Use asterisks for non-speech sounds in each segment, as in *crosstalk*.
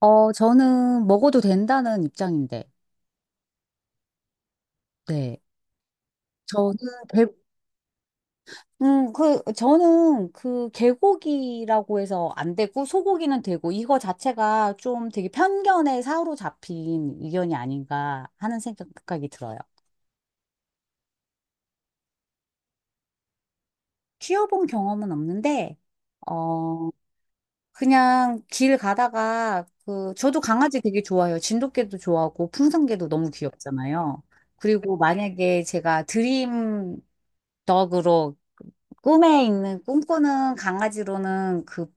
저는 먹어도 된다는 입장인데, 네. 저는, 개, 저는 그 개고기라고 해서 안 되고, 소고기는 되고, 이거 자체가 좀 되게 편견에 사로잡힌 의견이 아닌가 하는 생각이 들어요. 키워본 경험은 없는데, 어, 그냥 길 가다가, 저도 강아지 되게 좋아해요. 진돗개도 좋아하고, 풍선개도 너무 귀엽잖아요. 그리고 만약에 제가 드림 덕으로 꿈에 있는 꿈꾸는 강아지로는 그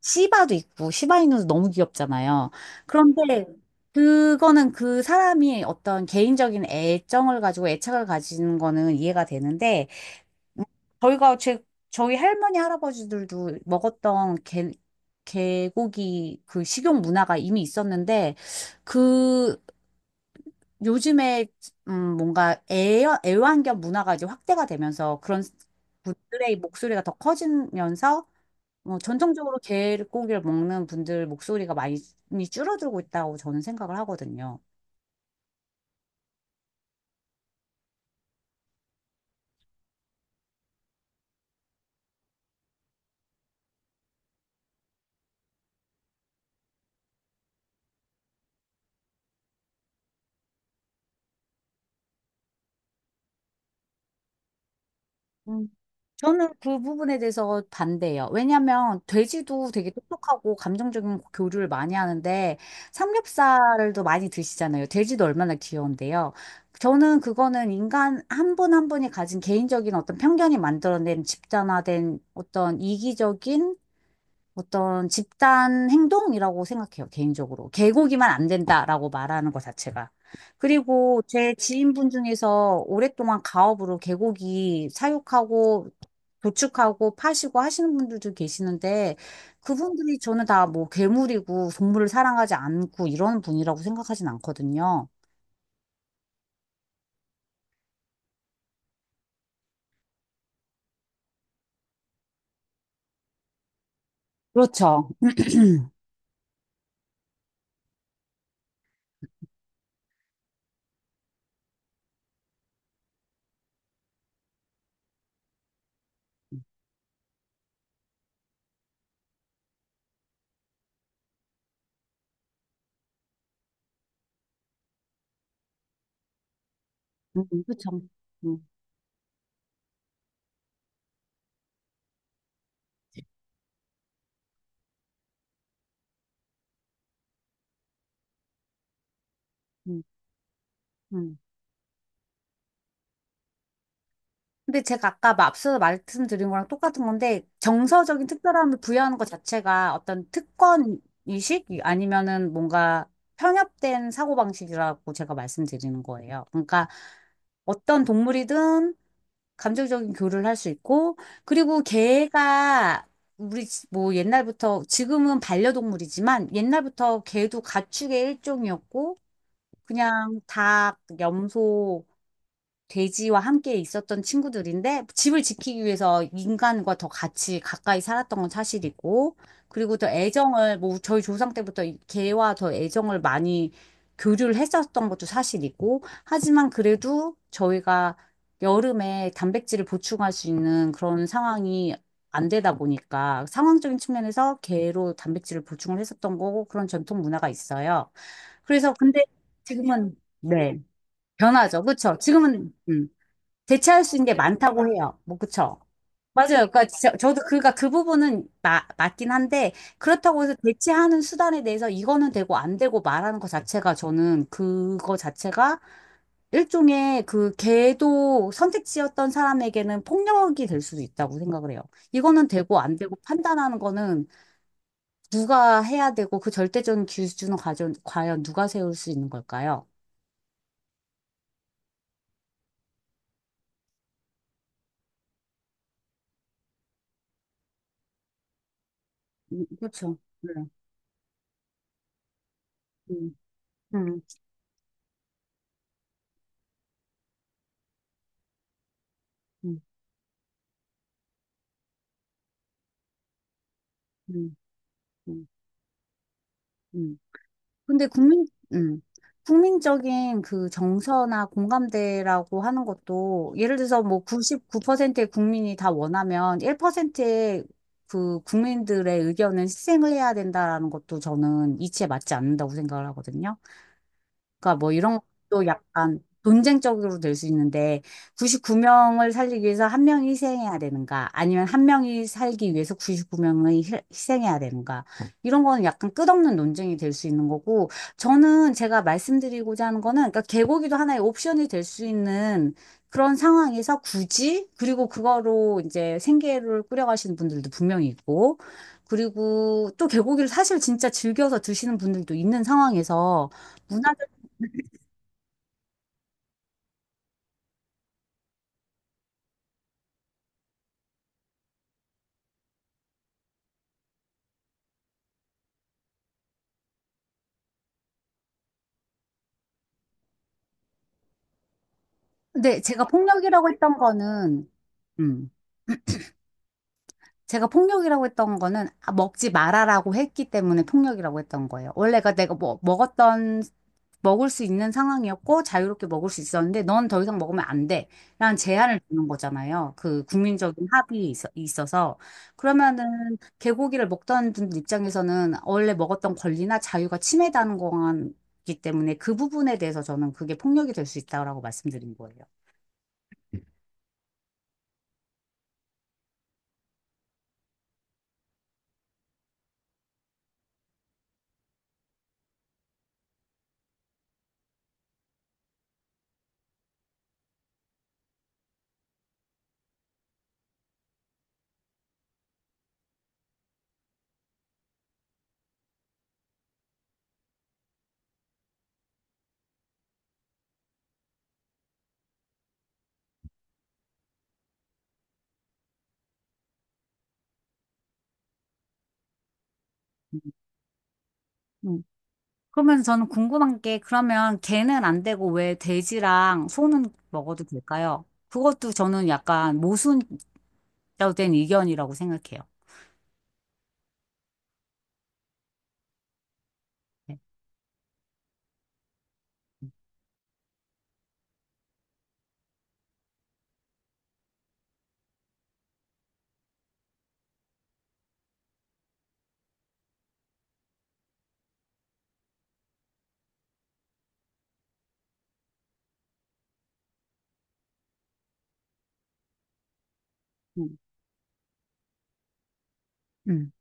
시바도 있고 시바이누도 너무 귀엽잖아요. 그런데 그거는 그 사람이 어떤 개인적인 애정을 가지고 애착을 가지는 거는 이해가 되는데, 음, 저희가 제 저희 할머니 할아버지들도 먹었던 개 개고기 그 식용 문화가 이미 있었는데, 그 요즘에 뭔가 애완견 문화가 이제 확대가 되면서 그런 분들의 목소리가 더 커지면서, 어, 전통적으로 개고기를 먹는 분들 목소리가 많이 줄어들고 있다고 저는 생각을 하거든요. 음. 저는 그 부분에 대해서 반대예요. 왜냐하면 돼지도 되게 똑똑하고 감정적인 교류를 많이 하는데 삼겹살도 많이 드시잖아요. 돼지도 얼마나 귀여운데요. 저는 그거는 인간 한 분 한 분이 가진 개인적인 어떤 편견이 만들어낸 집단화된 어떤 이기적인 어떤 집단 행동이라고 생각해요, 개인적으로. 개고기만 안 된다라고 말하는 것 자체가. 그리고 제 지인분 중에서 오랫동안 가업으로 개고기 사육하고 도축하고 파시고 하시는 분들도 계시는데 그분들이 저는 다 뭐 괴물이고 동물을 사랑하지 않고 이런 분이라고 생각하진 않거든요. 그렇죠. 그렇죠. 음, 음, 음. 근데 제가 아까 앞서 말씀드린 거랑 똑같은 건데 정서적인 특별함을 부여하는 것 자체가 어떤 특권 의식 아니면은 뭔가 편협된 사고방식이라고 제가 말씀드리는 거예요. 그러니까 어떤 동물이든 감정적인 교류를 할 수 있고, 그리고 개가 우리 뭐 옛날부터, 지금은 반려동물이지만 옛날부터 개도 가축의 일종이었고 그냥 닭, 염소, 돼지와 함께 있었던 친구들인데 집을 지키기 위해서 인간과 더 같이 가까이 살았던 건 사실이고, 그리고 더 애정을 뭐 저희 조상 때부터 이 개와 더 애정을 많이 교류를 했었던 것도 사실이고, 하지만 그래도 저희가 여름에 단백질을 보충할 수 있는 그런 상황이 안 되다 보니까 상황적인 측면에서 개로 단백질을 보충을 했었던 거고, 그런 전통 문화가 있어요. 그래서 근데 지금은, 네. 변하죠. 그렇죠. 지금은 대체할 수 있는 게 많다고 해요. 뭐, 그쵸? 맞아요. 그러니까 저도 그가 그 부분은 맞긴 한데, 그렇다고 해서 대체하는 수단에 대해서 이거는 되고 안 되고 말하는 것 자체가, 저는 그거 자체가 일종의 그 걔도 선택지였던 사람에게는 폭력이 될 수도 있다고 생각을 해요. 이거는 되고 안 되고 판단하는 거는 누가 해야 되고, 그 절대적인 기준은 과연, 과연 누가 세울 수 있는 걸까요? 그렇죠. 네. 음, 음, 음, 음, 음, 음. 근데 음, 국민적인 그 정서나 공감대라고 하는 것도, 예를 들어서 뭐 99%의 국민이 다 원하면 1%의 그 국민들의 의견은 희생을 해야 된다라는 것도 저는 이치에 맞지 않는다고 생각을 하거든요. 그러니까 뭐 이런 것도 약간 논쟁적으로 될 수 있는데, 99명을 살리기 위해서 한 명이 희생해야 되는가, 아니면 한 명이 살기 위해서 99명이 희생해야 되는가, 이런 거는 약간 끝없는 논쟁이 될 수 있는 거고, 저는 제가 말씀드리고자 하는 거는, 그러니까 개고기도 하나의 옵션이 될 수 있는 그런 상황에서 굳이, 그리고 그거로 이제 생계를 꾸려가시는 분들도 분명히 있고, 그리고 또 개고기를 사실 진짜 즐겨서 드시는 분들도 있는 상황에서. 근데 제가 폭력이라고 했던 거는, 음, 제가 폭력이라고 했던 거는, 아, 먹지 말아라고 했기 때문에 폭력이라고 했던 거예요. 원래가 내가 뭐, 먹었던, 먹을 수 있는 상황이었고 자유롭게 먹을 수 있었는데 넌 더 이상 먹으면 안 돼, 라는 제한을 주는 거잖아요. 그 국민적인 합의에 있어서. 그러면은 개고기를 먹던 분 입장에서는 원래 먹었던 권리나 자유가 침해되는 거기 때문에 그 부분에 대해서 저는 그게 폭력이 될 수 있다고 말씀드린 거예요. 그러면 저는 궁금한 게, 그러면 개는 안 되고 왜 돼지랑 소는 먹어도 될까요? 그것도 저는 약간 모순된 의견이라고 생각해요. 네. 음. 음.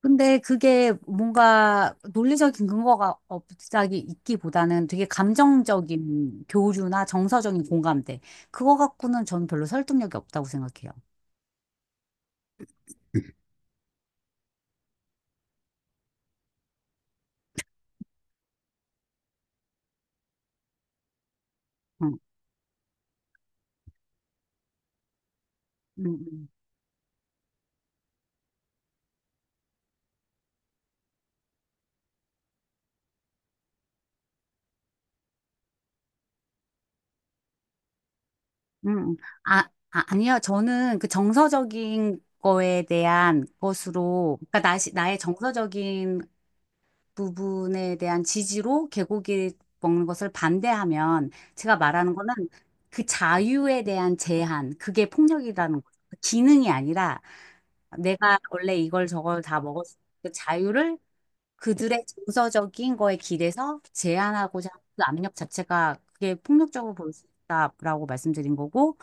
근데 그게 뭔가 논리적인 근거가 없다기 있기보다는 되게 감정적인 교류나 정서적인 공감대, 그거 갖고는 저는 별로 설득력이 없다고 생각해요. 음. 음, 음. 음, 아, 아, 아니요. 저는 그 정서적인 거에 대한 것으로, 그러니까 나의 정서적인 부분에 대한 지지로 개고기 먹는 것을 반대하면, 제가 말하는 거는 그 자유에 대한 제한, 그게 폭력이라는 거죠. 그 기능이 아니라 내가 원래 이걸 저걸 다 먹었을 때 자유를, 그들의 정서적인 거에 기대서 제한하고자 하는 그 압력 자체가, 그게 폭력적으로 볼 수 있다라고 말씀드린 거고.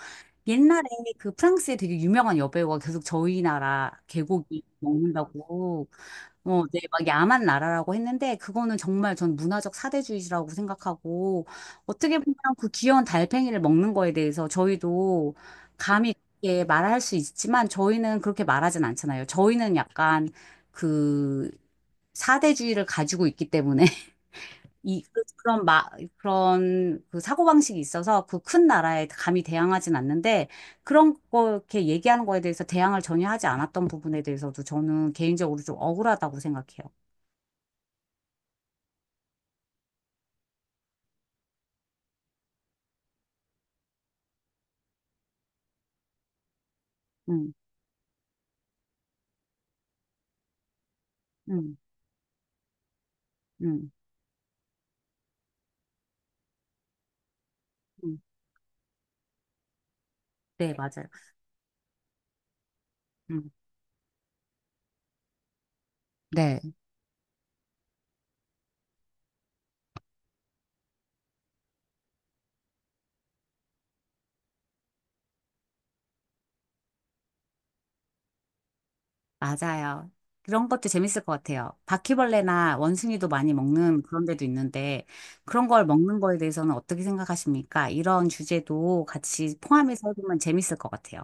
옛날에 그 프랑스의 되게 유명한 여배우가 계속 저희 나라 계곡이 먹는다고 네, 막 야만 나라라고 했는데, 그거는 정말 전 문화적 사대주의라고 생각하고, 어떻게 보면 그 귀여운 달팽이를 먹는 거에 대해서 저희도 감히 그렇게 말할 수 있지만, 저희는 그렇게 말하진 않잖아요. 저희는 약간 그 사대주의를 가지고 있기 때문에, *laughs* 이, 그- 그런 마, 그런 그 사고방식이 있어서 그 큰 나라에 감히 대항하진 않는데, 그런 거 이렇게 얘기하는 거에 대해서 대항을 전혀 하지 않았던 부분에 대해서도 저는 개인적으로 좀 억울하다고 생각해요. 음, 음, 음, 음. 네, 맞아요. 음, 네, 맞아요. 그런 것도 재밌을 것 같아요. 바퀴벌레나 원숭이도 많이 먹는 그런 데도 있는데, 그런 걸 먹는 거에 대해서는 어떻게 생각하십니까? 이런 주제도 같이 포함해서 해보면 재밌을 것 같아요.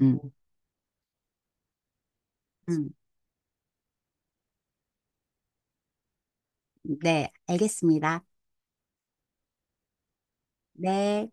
음, 음, 네, 알겠습니다. 네.